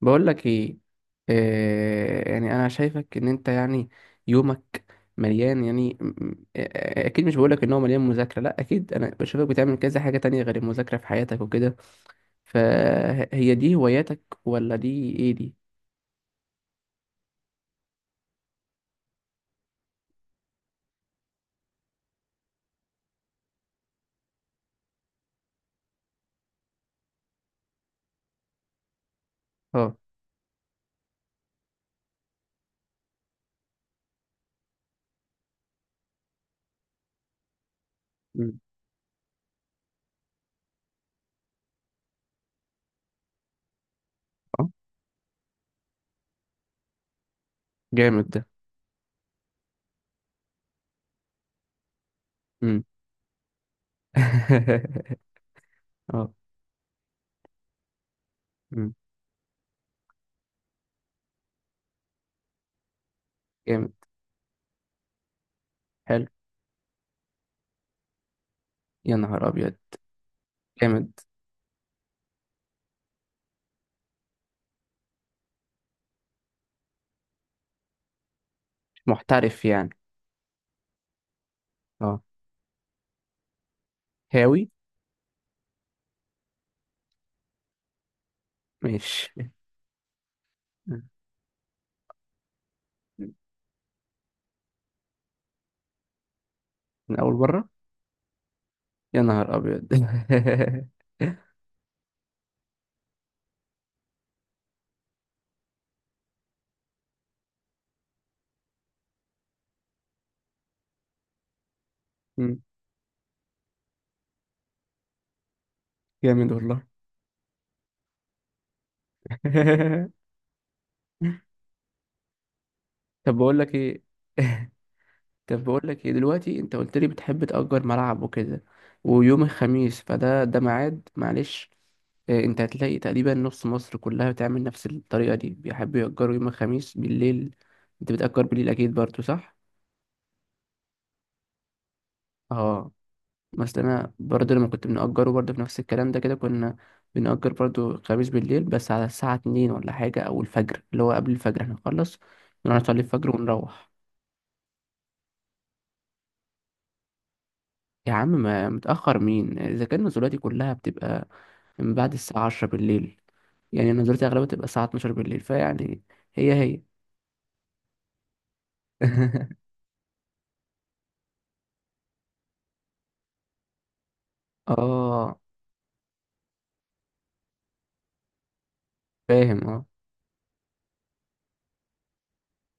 بقول لك ايه. انا شايفك ان انت، يومك مليان، اكيد مش بقول لك ان هو مليان مذاكره، لا اكيد انا بشوفك بتعمل كذا حاجه تانية غير المذاكره في حياتك وكده. فهي دي هواياتك ولا دي ايه دي؟ اه. مم. اه. جامد ده. مم. اه. مم. جامد. حلو. يا نهار ابيض. جامد. محترف يعني. اه. هاوي. ماشي. من اول مره. يا نهار ابيض. مم. جامد والله. طب بقول لك ايه. طب بقول لك ايه دلوقتي، انت قلت لي بتحب تأجر ملعب وكده، ويوم الخميس ده ميعاد، معلش إيه، انت هتلاقي تقريبا نص مصر كلها بتعمل نفس الطريقة دي، بيحبوا يأجروا يوم الخميس بالليل. انت بتأجر بالليل اكيد برضو، صح؟ اه. مثلا انا برضو لما كنت بنأجره برضو في نفس الكلام ده كده، كنا بنأجر برضو الخميس بالليل، بس على الساعة 2 ولا حاجة، او الفجر، اللي هو قبل الفجر احنا نخلص نروح نصلي الفجر ونروح. يا عم ما متأخر مين؟ إذا كان نزولاتي كلها بتبقى من بعد الساعة عشرة بالليل، يعني نزولاتي أغلبها بتبقى الساعة اتناشر بالليل، فيعني هي هي اه فاهم. اه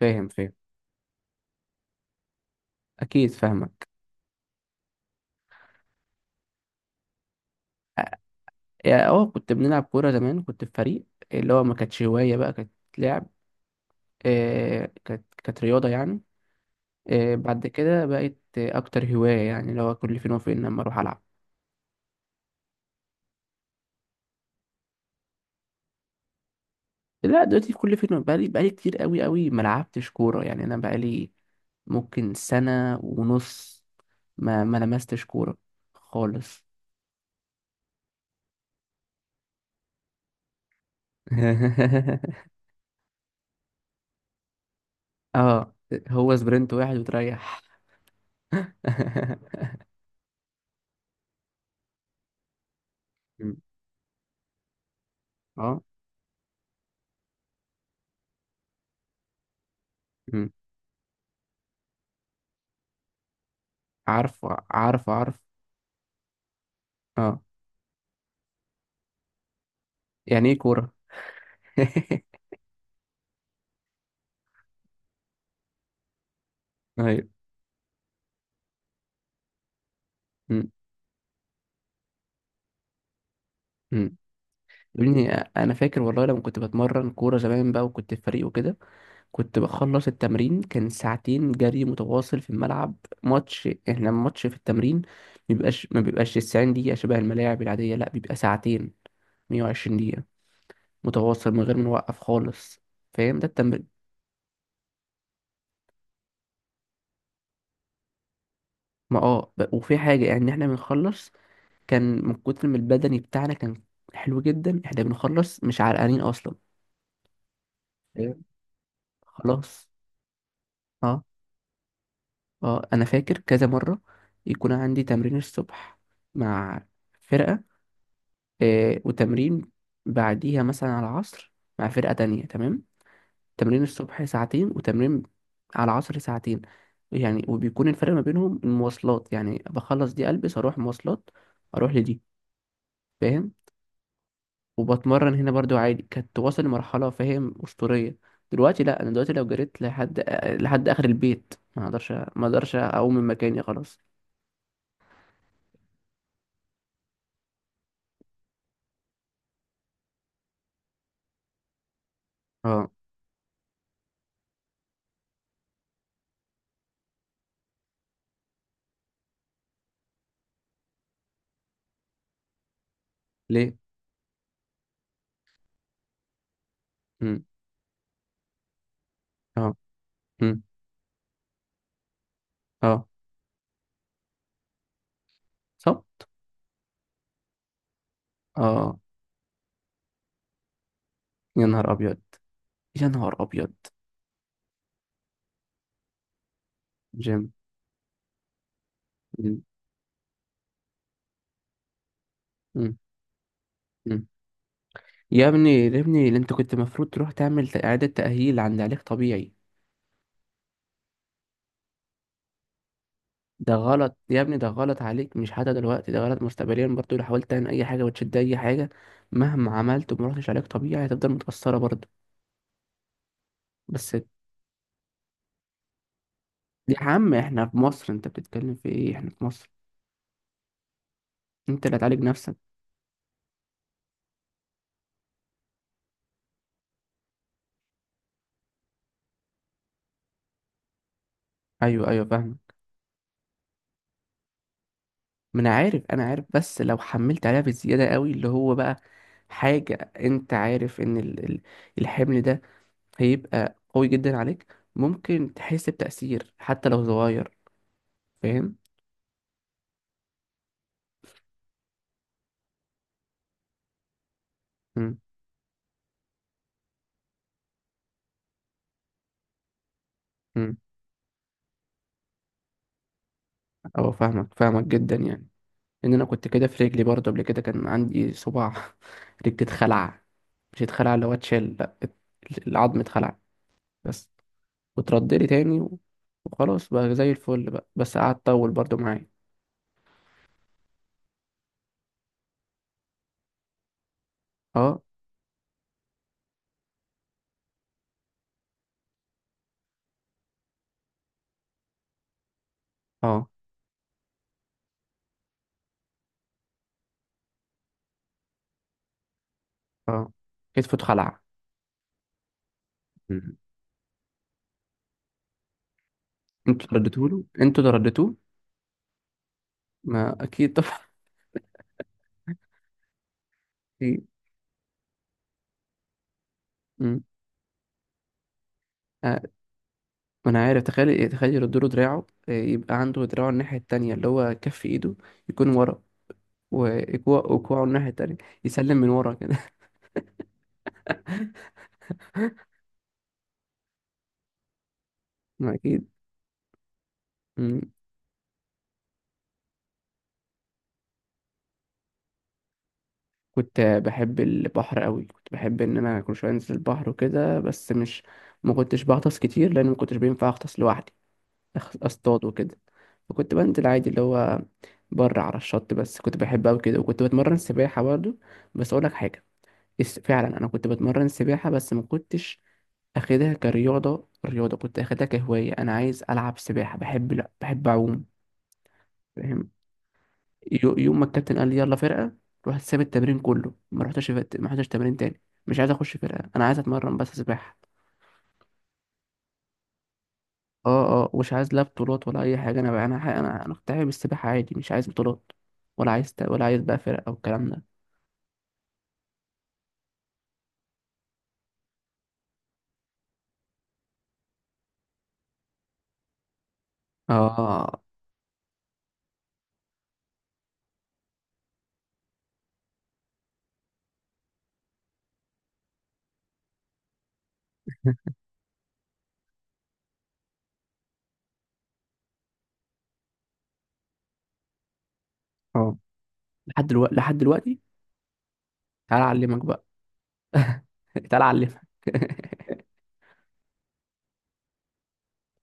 فاهم فاهم. أكيد فاهمك. يعني اه، كنت بنلعب كورة زمان، كنت في فريق، اللي هو ما كانتش هواية بقى، كانت لعب. كانت رياضة يعني. بعد كده بقت أكتر هواية، يعني اللي هو كل فين وفين لما أروح ألعب. لا دلوقتي في كل فيلم، بقالي كتير قوي قوي ما لعبتش كورة، يعني انا بقالي ممكن سنة ونص ما لمستش كورة خالص. اه. هو سبرنت واحد وتريح. مم. اه. مم. عارف. اه يعني ايه كورة. ايوه. مم. مم. يا ابني انا فاكر والله لما كنت بتمرن كورة زمان بقى وكنت في فريق وكده، كنت بخلص التمرين كان ساعتين جري متواصل في الملعب. ماتش، احنا الماتش في التمرين ما بيبقاش 90 دقيقة شبه الملاعب العادية، لا بيبقى ساعتين، 120 دقيقة متواصل من غير ما نوقف خالص. فاهم ده التمرين؟ ما اه ب- وفي حاجة يعني، احنا بنخلص كان من كتر ما البدني بتاعنا كان حلو جدا، احنا بنخلص مش عرقانين اصلا. ايه. طب خلاص. اه. اه انا فاكر كذا مرة يكون عندي تمرين الصبح مع فرقة، وتمرين بعديها مثلا على العصر مع فرقة تانية، تمام. تمرين الصبح ساعتين، وتمرين على العصر ساعتين، يعني وبيكون الفرق ما بينهم المواصلات، يعني بخلص دي ألبس أروح مواصلات، أروح لدي، فاهم. وبتمرن هنا برضو عادي، كانت واصل لمرحلة فاهم أسطورية. دلوقتي لا، أنا دلوقتي لو جريت لحد آخر البيت ما أقدرش، أقوم من مكاني خلاص. اه. ليه؟ مم. اه. مم. اه. صح؟ اه. يا نهار أبيض. يا نهار أبيض. جيم. مم. مم. مم. يا ابني يا ابني اللي انت كنت المفروض تروح تعمل إعادة تأهيل عند علاج طبيعي. ده غلط يا ابني، ده غلط عليك، مش حتى دلوقتي، ده غلط مستقبليا برضو لو حاولت تعمل أي حاجة وتشد أي حاجة، مهما عملت وما رحتش علاج طبيعي هتفضل متأثرة برضو. بس. يا عم احنا في مصر، انت بتتكلم في ايه؟ احنا في مصر، انت اللي هتعالج نفسك. ايوه ايوه فاهم. ما انا عارف، بس لو حملت عليها بالزياده قوي، اللي هو بقى حاجه، انت عارف ان الحمل ده هيبقى قوي جدا عليك، ممكن تحس بتأثير حتى لو صغير. فاهم. امم. امم. اه فاهمك، جدا يعني. ان انا كنت كده في رجلي برضه قبل كده، كان عندي صباع رجلي اتخلع، مش اتخلع اللي هو اتشال، لا العظم اتخلع بس، وترد لي تاني، و- وخلاص بقى زي الفل بقى، بس قعد طول برضه معايا. اه. اه. اه كتفه اتخلع. مم. انتوا اللي رديتوا له، انتوا اللي رديتوه. ما اكيد طبعا. اكيد. مم. آه، ما انا عارف. تخيل يردوا له دراعه، يبقى عنده دراعه الناحيه التانية، اللي هو كف ايده يكون ورا، وكوعه الناحيه التانية، يسلم من ورا كده. ما اكيد. مم. كنت بحب البحر قوي، كنت بحب ان انا كل شويه انزل البحر وكده، بس مش، ما كنتش بغطس كتير، لان ما كنتش بينفع اغطس لوحدي اصطاد وكده. فكنت بنزل عادي اللي هو بره على الشط، بس كنت بحب أوي كده، وكنت بتمرن سباحة برضه. بس أقولك حاجة، فعلا أنا كنت بتمرن سباحة بس ما كنتش أخدها كرياضة، رياضة كنت أخدها كهواية، أنا عايز ألعب سباحة، بحب لا بحب أعوم. فاهم. يوم ما الكابتن قال لي يلا فرقة، رحت ساب التمرين كله، ما رحتش ما رحتش تمرين تاني. مش عايز أخش فرقة، أنا عايز أتمرن بس سباحة. اه اه مش عايز، لا بطولات ولا اي حاجه، انا بقى انا انا كنت حابب السباحه عادي، مش عايز بطولات، ولا عايز ولا عايز بقى فرق او الكلام ده. اه. اه لحد دلوقتي، لحد دلوقتي. تعالى اعلمك بقى. تعالى اعلمك.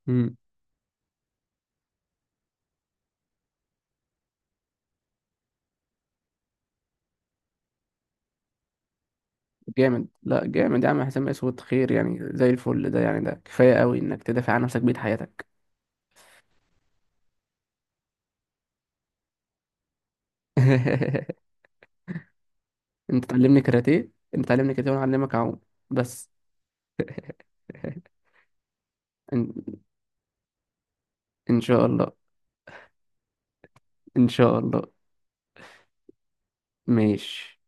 مم. جامد، لا جامد يا عم، حسام اسود خير يعني زي الفل، ده يعني ده كفايه قوي انك تدافع عن نفسك بيت حياتك. انت تعلمني كاراتيه، وانا اعلمك اعوم. بس. ان، إن شاء الله. ان شاء الله. ماشي.